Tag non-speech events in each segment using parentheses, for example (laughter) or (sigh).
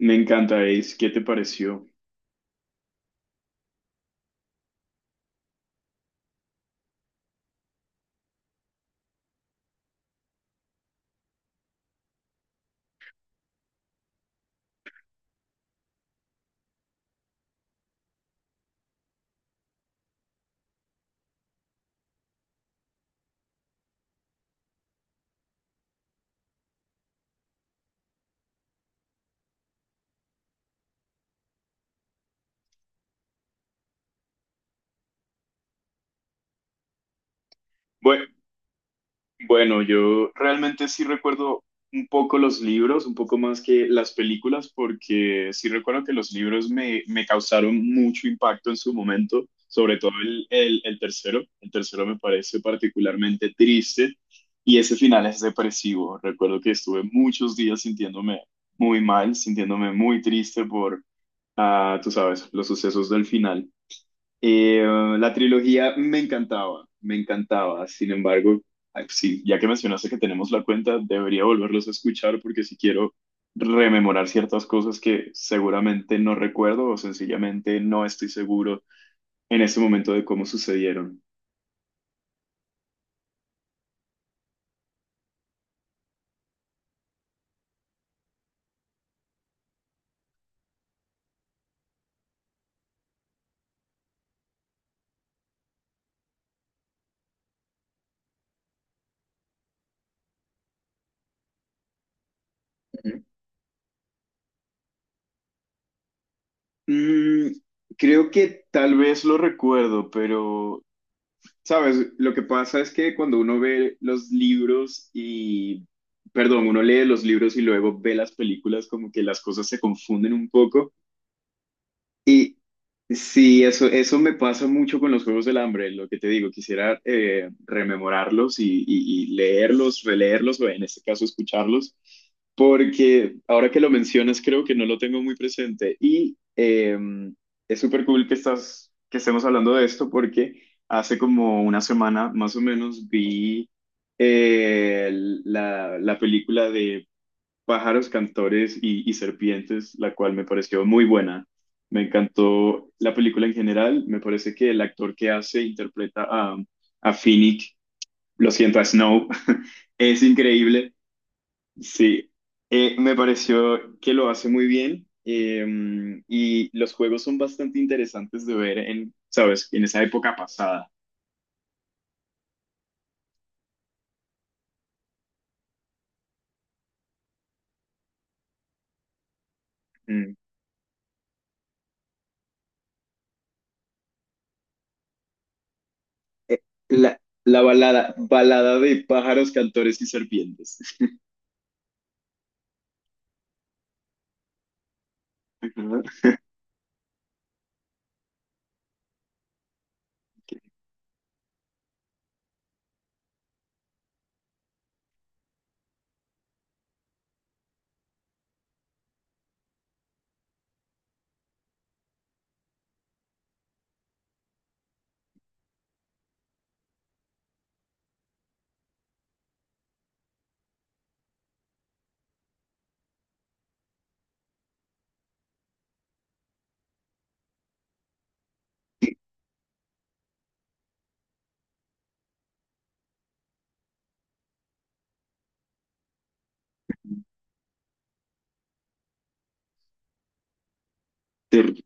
Me encanta, Ace. ¿Qué te pareció? Bue- Bueno, yo realmente sí recuerdo un poco los libros, un poco más que las películas, porque sí recuerdo que los libros me causaron mucho impacto en su momento, sobre todo el tercero. El tercero me parece particularmente triste y ese final es depresivo. Recuerdo que estuve muchos días sintiéndome muy mal, sintiéndome muy triste por, ah, tú sabes, los sucesos del final. Eh, la trilogía me encantaba, me encantaba. Sin embargo, ay, sí, ya que mencionaste que tenemos la cuenta, debería volverlos a escuchar porque si quiero rememorar ciertas cosas que seguramente no recuerdo o sencillamente no estoy seguro en ese momento de cómo sucedieron. Ujú. Mm, creo que tal vez lo recuerdo, pero sabes, lo que pasa es que cuando uno ve los libros y, perdón, uno lee los libros y luego ve las películas, como que las cosas se confunden un poco. Y sí, eso me pasa mucho con los Juegos del Hambre, lo que te digo, quisiera rememorarlos y, y leerlos, releerlos, o en este caso escucharlos, porque ahora que lo mencionas creo que no lo tengo muy presente y es súper cool que estemos hablando de esto porque hace como una semana más o menos vi eh, la película de Pájaros, Cantores y Serpientes, la cual me pareció muy buena. Me encantó la película en general. Me parece que el actor que hace, interpreta a, a Finnick, a Snow, (laughs) es increíble. Sí, me pareció que lo hace muy bien. Y los juegos son bastante interesantes de ver en, ¿sabes? En esa época pasada. Mm. Eh, La, la balada de pájaros, cantores y serpientes. (laughs) Qué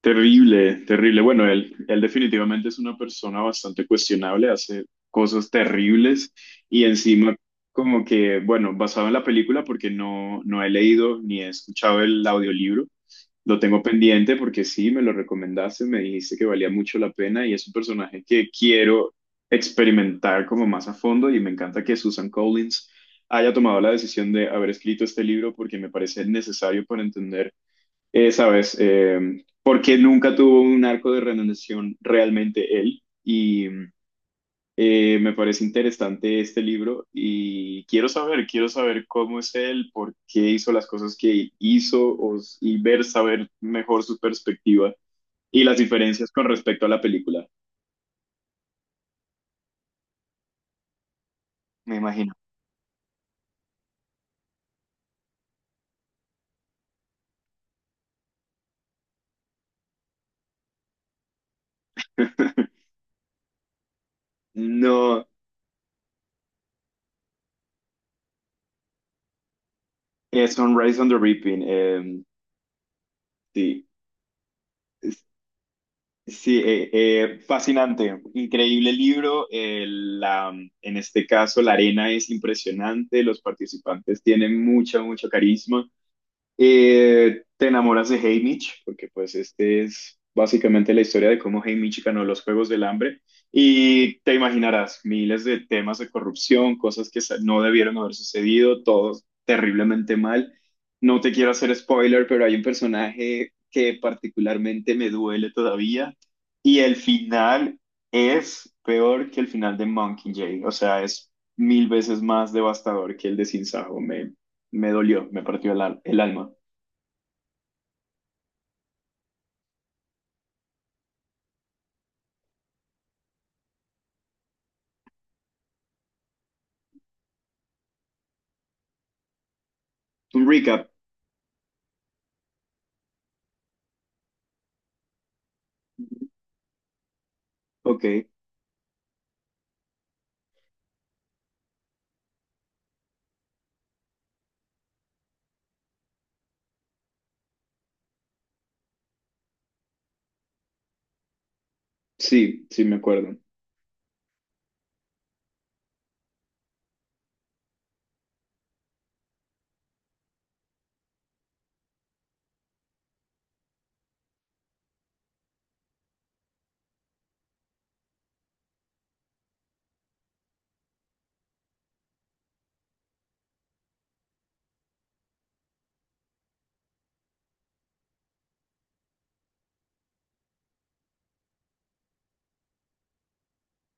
Terrible, terrible. Bueno, él definitivamente es una persona bastante cuestionable, hace cosas terribles y encima como que, bueno, basado en la película porque no, no he leído ni he escuchado el audiolibro, lo tengo pendiente porque sí, me lo recomendaste, me dijiste que valía mucho la pena y es un personaje que quiero experimentar como más a fondo y me encanta que Susan Collins haya tomado la decisión de haber escrito este libro porque me parece necesario para entender ¿sabes? Porque nunca tuvo un arco de redención realmente él. Y me parece interesante este libro y quiero saber cómo es él, por qué hizo las cosas que hizo y ver, saber mejor su perspectiva y las diferencias con respecto a la película, me imagino. (laughs) No, es Sunrise on the Reaping, sí. Sí, fascinante, increíble libro. En este caso, la arena es impresionante, los participantes tienen mucho carisma. Te enamoras de Haymitch, porque pues este es básicamente la historia de cómo Haymitch ganó los Juegos del Hambre y te imaginarás miles de temas de corrupción, cosas que no debieron haber sucedido, todo terriblemente mal. No te quiero hacer spoiler, pero hay un personaje que particularmente me duele todavía y el final es peor que el final de Monkey Jay, o sea, es mil veces más devastador que el de Sin Sajo. Me dolió, me partió el alma. Un recap, ok. Sí, sí, me acuerdo.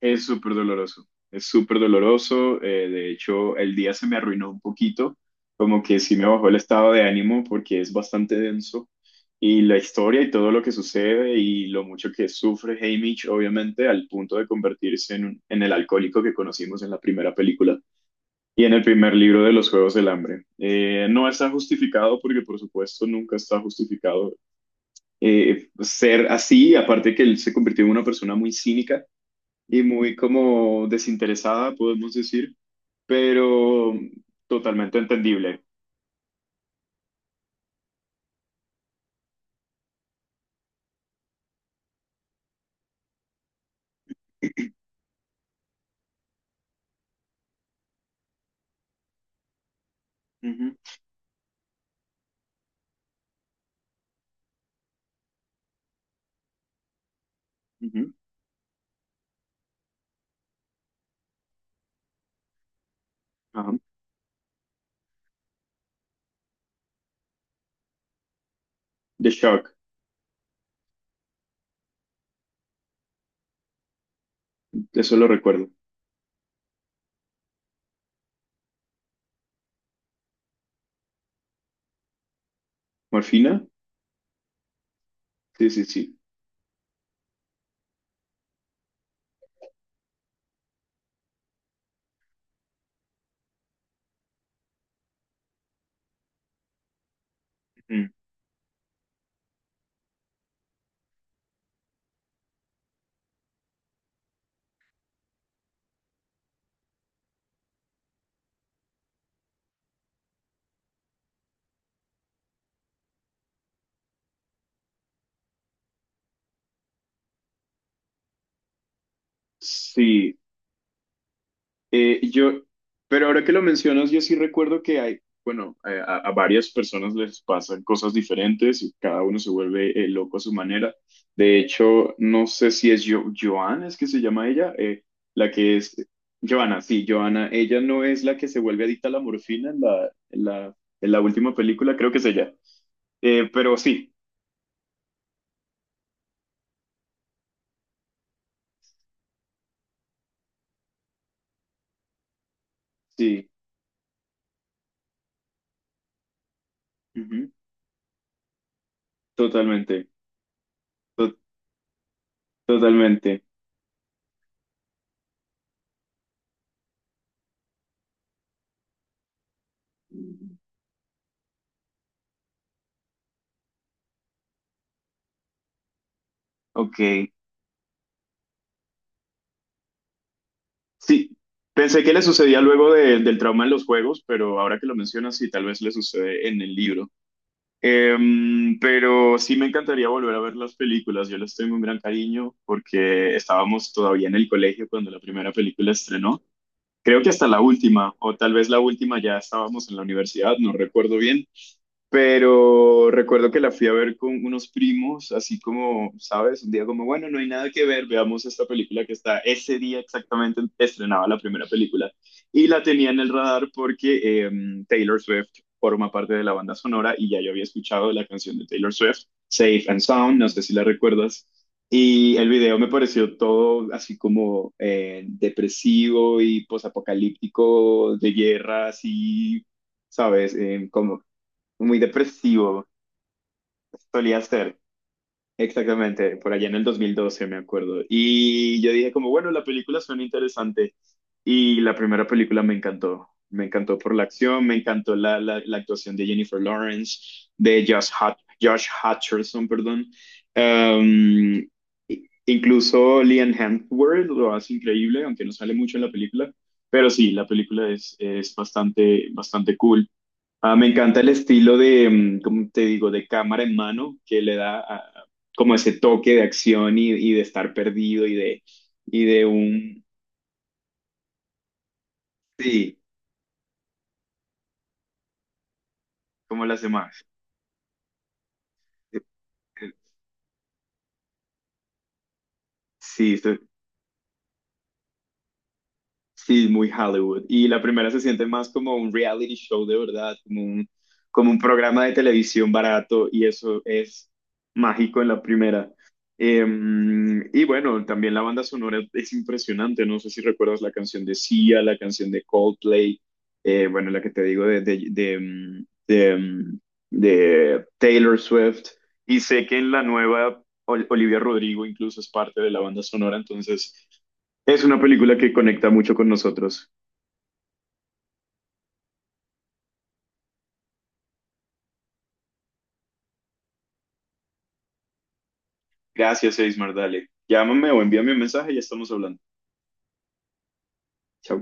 Es súper doloroso, es súper doloroso. De hecho, el día se me arruinó un poquito, como que sí me bajó el estado de ánimo porque es bastante denso. Y la historia y todo lo que sucede y lo mucho que sufre Haymitch, obviamente, al punto de convertirse en el alcohólico que conocimos en la primera película y en el primer libro de los Juegos del Hambre. No está justificado porque, por supuesto, nunca está justificado ser así, aparte que él se convirtió en una persona muy cínica y muy como desinteresada, podemos decir, pero totalmente entendible. Ujú, ujú, ajá. The Shark, eso lo recuerdo. ¿Morfina? Sí, sí, sí. Ujú. Sí. Eh, yo, pero ahora que lo mencionas, yo sí recuerdo que hay, bueno, a varias personas les pasan cosas diferentes y cada uno se vuelve loco a su manera. De hecho, no sé si es yo, Joana, es que se llama ella, la que es, Joana, sí, Joana, ella no es la que se vuelve adicta a la morfina en la última película, creo que es ella. Pero sí, sí, ujú, totalmente, to- totalmente. Ok. Sí, pensé que le sucedía luego del trauma en los juegos, pero ahora que lo mencionas, sí, tal vez le sucede en el libro. Pero sí me encantaría volver a ver las películas. Yo les tengo un gran cariño porque estábamos todavía en el colegio cuando la primera película estrenó. Creo que hasta la última, o tal vez la última ya estábamos en la universidad, no recuerdo bien, pero recuerdo que la fui a ver con unos primos, así como, ¿sabes? Un día como, bueno, no hay nada que ver, veamos esta película que está ese día exactamente estrenaba la primera película. Y la tenía en el radar porque Taylor Swift forma parte de la banda sonora y ya yo había escuchado la canción de Taylor Swift, Safe and Sound, no sé si la recuerdas. Y el video me pareció todo así como depresivo y posapocalíptico, de guerra, así ¿sabes? Como muy depresivo, solía ser. Exactamente, por allá en el 2012 me acuerdo. Y yo dije como, bueno, la película suena interesante. Y la primera película me encantó. Me encantó por la acción, me encantó la actuación de Jennifer Lawrence, de Josh Hutcherson, perdón. Um, incluso Liam Hemsworth lo hace increíble, aunque no sale mucho en la película. Pero sí, la película es bastante, bastante cool. Ah, me encanta el estilo de, ¿cómo te digo?, de cámara en mano, que le da como ese toque de acción y de estar perdido y de un... Sí, como las demás. Eh, eh, Sí, Sí, muy Hollywood. Y la primera se siente más como un reality show de verdad, como un programa de televisión barato y eso es mágico en la primera. Eh, y bueno, también la banda sonora es impresionante. No sé si recuerdas la canción de Sia, la canción de Coldplay, bueno, la que te digo de Taylor Swift. Y sé que en la nueva Olivia Rodrigo incluso es parte de la banda sonora, entonces... Es una película que conecta mucho con nosotros. Gracias, Eismar, dale. Llámame o envíame un mensaje y ya estamos hablando. Chao.